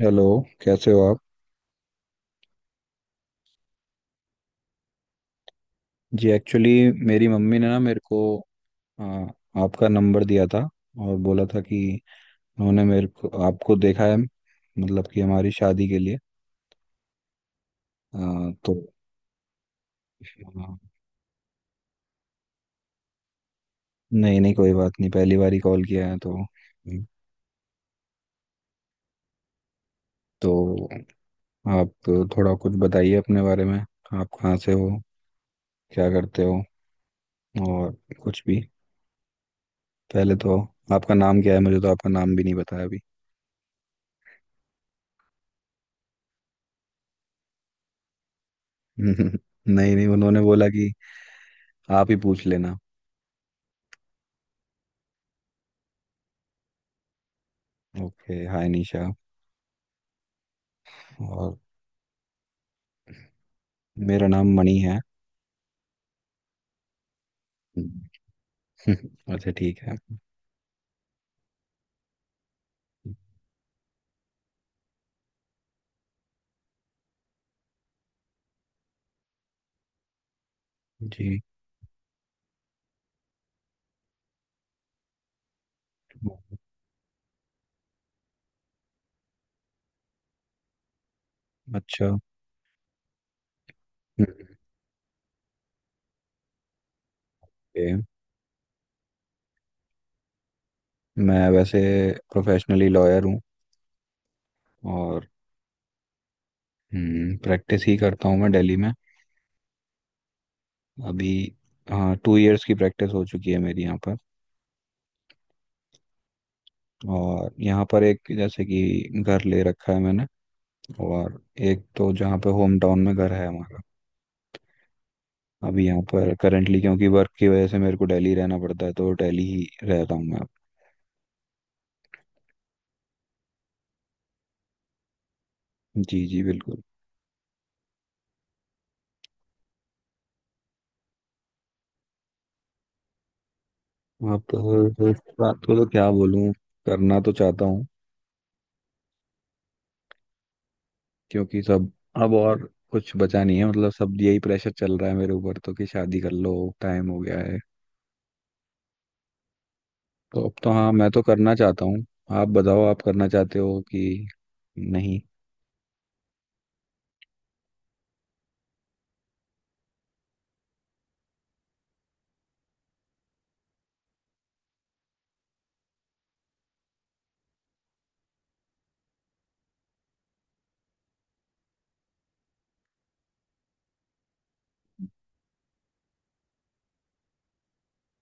Hello. कैसे हो आप? जी एक्चुअली मेरी मम्मी ने ना मेरे को आ, आपका नंबर दिया था और बोला था कि उन्होंने मेरे को आपको देखा है मतलब कि हमारी शादी के लिए। तो आ, नहीं नहीं कोई बात नहीं, पहली बार ही कॉल किया है तो। तो आप थोड़ा कुछ बताइए अपने बारे में, आप कहाँ से हो, क्या करते हो और कुछ भी। पहले तो आपका नाम क्या है, मुझे तो आपका नाम भी नहीं बताया अभी। नहीं नहीं उन्होंने बोला कि आप ही पूछ लेना। ओके हाय निशा। और मेरा नाम मणि है। हम्म। अच्छा ठीक है। जी। अच्छा। हम्म। ओके। मैं वैसे प्रोफेशनली लॉयर हूँ। और प्रैक्टिस ही करता हूँ मैं दिल्ली में अभी। हाँ 2 इयर्स की प्रैक्टिस हो चुकी है मेरी यहाँ पर। और यहाँ पर एक जैसे कि घर ले रखा है मैंने। और एक तो जहाँ पे होम टाउन में घर है हमारा। अभी यहाँ पर करेंटली क्योंकि वर्क की वजह से मेरे को दिल्ली रहना पड़ता है तो दिल्ली ही रह रहा हूँ मैं अब। जी जी बिल्कुल। आप इस बात को तो क्या बोलूं, करना तो चाहता हूँ क्योंकि सब अब और कुछ बचा नहीं है, मतलब सब यही प्रेशर चल रहा है मेरे ऊपर तो कि शादी कर लो, टाइम हो गया है। तो अब तो हाँ मैं तो करना चाहता हूँ। आप बताओ आप करना चाहते हो कि नहीं?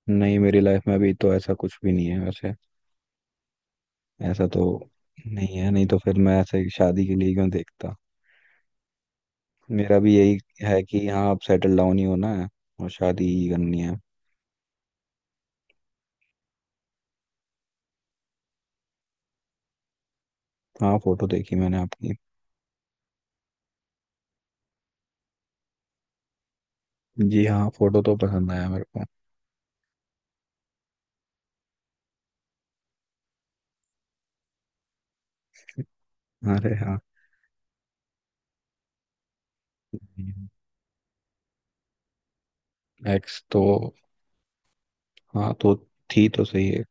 नहीं मेरी लाइफ में अभी तो ऐसा कुछ भी नहीं है वैसे। ऐसा तो नहीं है, नहीं तो फिर मैं ऐसे ही शादी के लिए क्यों देखता। मेरा भी यही है कि हाँ अब सेटल डाउन ही होना है और शादी ही करनी है। हाँ फोटो देखी मैंने आपकी। जी हाँ फोटो तो पसंद आया मेरे को। अरे हाँ। एक्स तो हाँ तो थी तो सही है।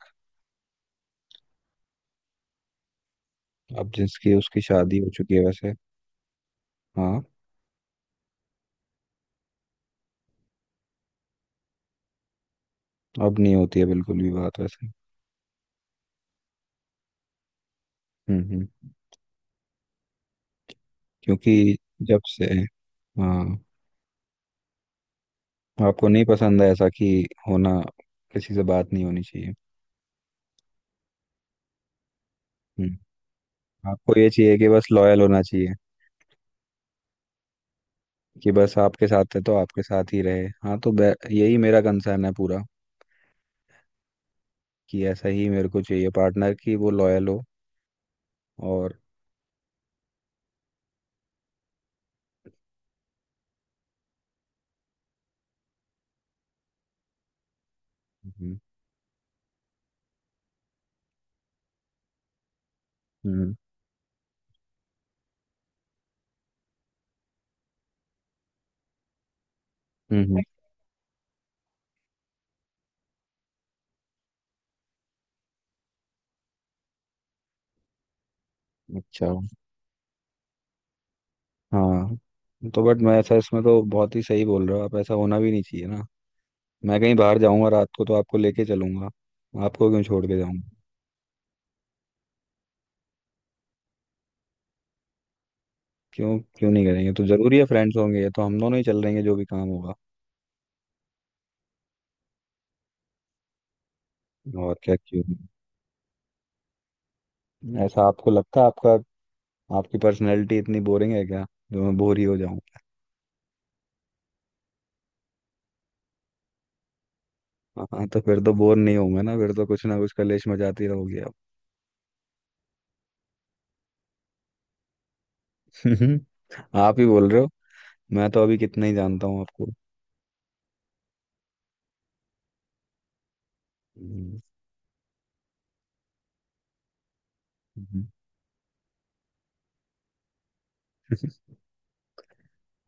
अब जिसकी उसकी शादी हो चुकी है वैसे। हाँ। अब नहीं होती है बिल्कुल भी बात वैसे। हम्म। क्योंकि जब से हाँ। आपको नहीं पसंद है ऐसा कि होना, किसी से बात नहीं होनी चाहिए। हम्म। आपको ये चाहिए कि बस लॉयल होना चाहिए कि बस आपके साथ है तो आपके साथ ही रहे, हाँ तो यही मेरा कंसर्न है पूरा कि ऐसा ही मेरे को चाहिए पार्टनर कि वो लॉयल हो। और हम्म हम्म। हम्म। अच्छा हाँ। तो बट मैं ऐसा इसमें तो बहुत ही सही बोल रहे हो आप, ऐसा होना भी नहीं चाहिए ना। मैं कहीं बाहर जाऊंगा रात को तो आपको लेके चलूंगा। आपको क्यों छोड़ के जाऊंगा? क्यों? क्यों नहीं करेंगे तो जरूरी है, फ्रेंड्स होंगे ये तो हम दोनों ही चल रहेंगे जो भी काम होगा। और क्या, क्यों? नहीं। ऐसा आपको लगता है आपका, आपकी पर्सनैलिटी इतनी बोरिंग है क्या जो मैं बोर ही हो जाऊं? हाँ तो फिर तो बोर नहीं होऊंगा ना, फिर तो कुछ ना कुछ कलेश मचाती रहोगी आप। आप ही बोल रहे हो। मैं तो अभी कितना ही जानता हूँ आपको। हम्म। हम्म।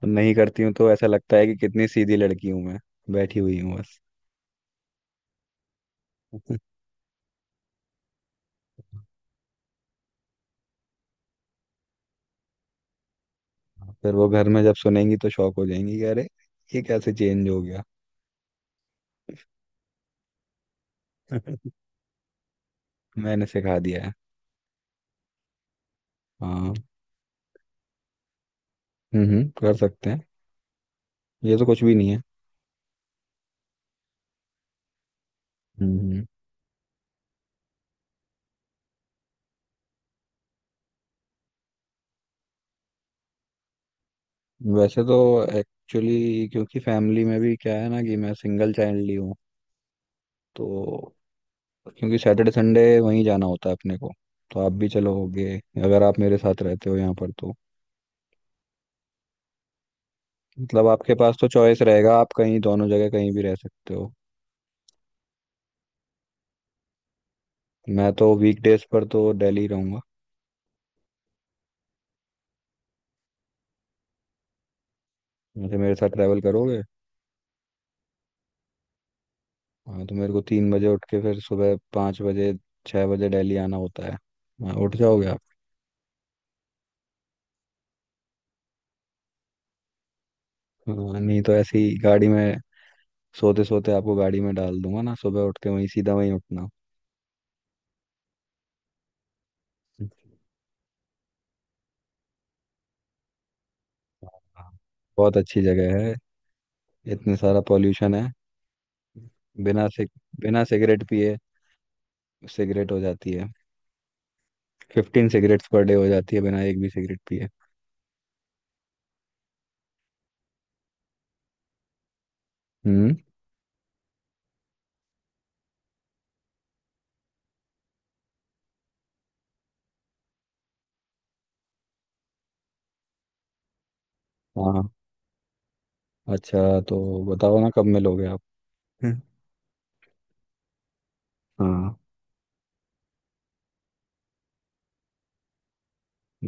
नहीं करती हूँ तो ऐसा लगता है कि कितनी सीधी लड़की हूँ मैं बैठी हुई हूँ बस। फिर वो घर में जब सुनेंगी तो शॉक हो जाएंगी कि अरे ये कैसे चेंज हो गया। मैंने सिखा दिया है। हाँ। कर सकते हैं। ये तो कुछ भी नहीं है। हम्म। वैसे तो एक्चुअली क्योंकि फैमिली में भी क्या है ना, कि मैं सिंगल चाइल्ड ही हूँ तो, क्योंकि सैटरडे संडे वहीं जाना होता है अपने को तो आप भी चलोगे अगर आप मेरे साथ रहते हो यहाँ पर तो, मतलब आपके पास तो चॉइस रहेगा, आप कहीं दोनों जगह कहीं भी रह सकते हो। मैं तो वीकडेज पर तो दिल्ली रहूंगा। जैसे मेरे साथ ट्रैवल करोगे। हाँ तो मेरे को 3 बजे उठ के फिर सुबह 5 बजे 6 बजे दिल्ली आना होता है, हाँ, उठ जाओगे आप? हाँ, नहीं तो ऐसी गाड़ी में सोते सोते आपको गाड़ी में डाल दूंगा ना, सुबह उठ के वहीं सीधा वहीं उठना। हाँ, बहुत अच्छी जगह है। इतने सारा पॉल्यूशन है। बिना सिग बिना सिगरेट पिए सिगरेट हो जाती है, 15 सिगरेट्स पर डे हो जाती है बिना एक भी सिगरेट पिए। हम्म। हाँ अच्छा तो बताओ ना कब मिलोगे आप? हाँ।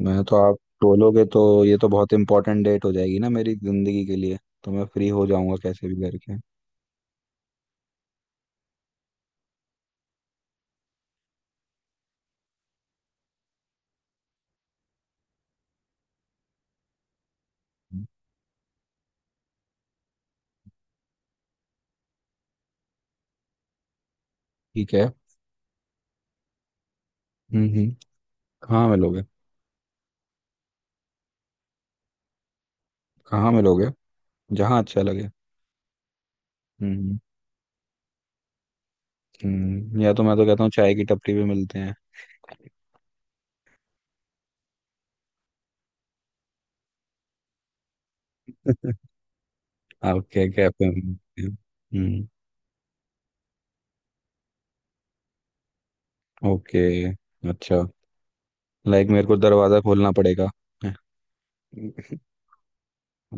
मैं तो आप बोलोगे तो ये तो बहुत इंपॉर्टेंट डेट हो जाएगी ना मेरी जिंदगी के लिए, तो मैं फ्री हो जाऊंगा कैसे भी करके। हम्म, ठीक है। हम्म। कहाँ मिलोगे? कहाँ मिलोगे? जहाँ अच्छा लगे। हम्म हम्म, या तो मैं तो कहता हूँ चाय की टपरी पे मिलते हैं। आपके कैफे में मिलते हैं। हम्म। ओके। अच्छा। लाइक मेरे को दरवाजा खोलना पड़ेगा?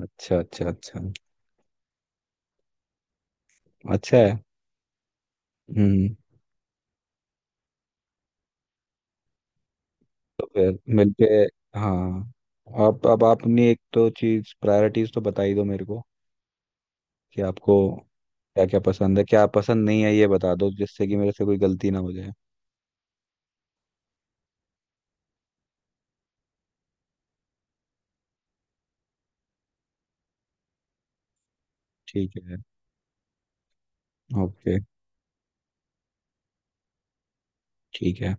अच्छा अच्छा अच्छा। अच्छा है। हम्म। तो फिर मिलके। हाँ। आप अब आप अपनी एक तो चीज प्रायोरिटीज तो बता ही दो मेरे को कि आपको क्या क्या पसंद है, क्या पसंद नहीं है, ये बता दो जिससे कि मेरे से कोई गलती ना हो जाए। ठीक है। ओके ठीक है।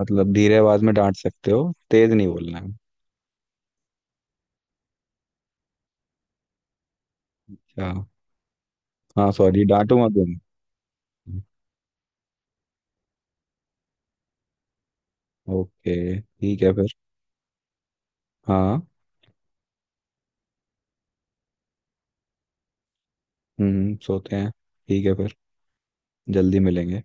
मतलब धीरे आवाज में डांट सकते हो, तेज नहीं बोलना है? अच्छा। हाँ सॉरी डांटूंगा क्यों? नहीं? ओके ठीक है फिर। हाँ। सोते हैं। ठीक है फिर, जल्दी मिलेंगे।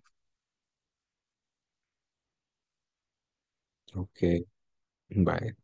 ओके। बाय।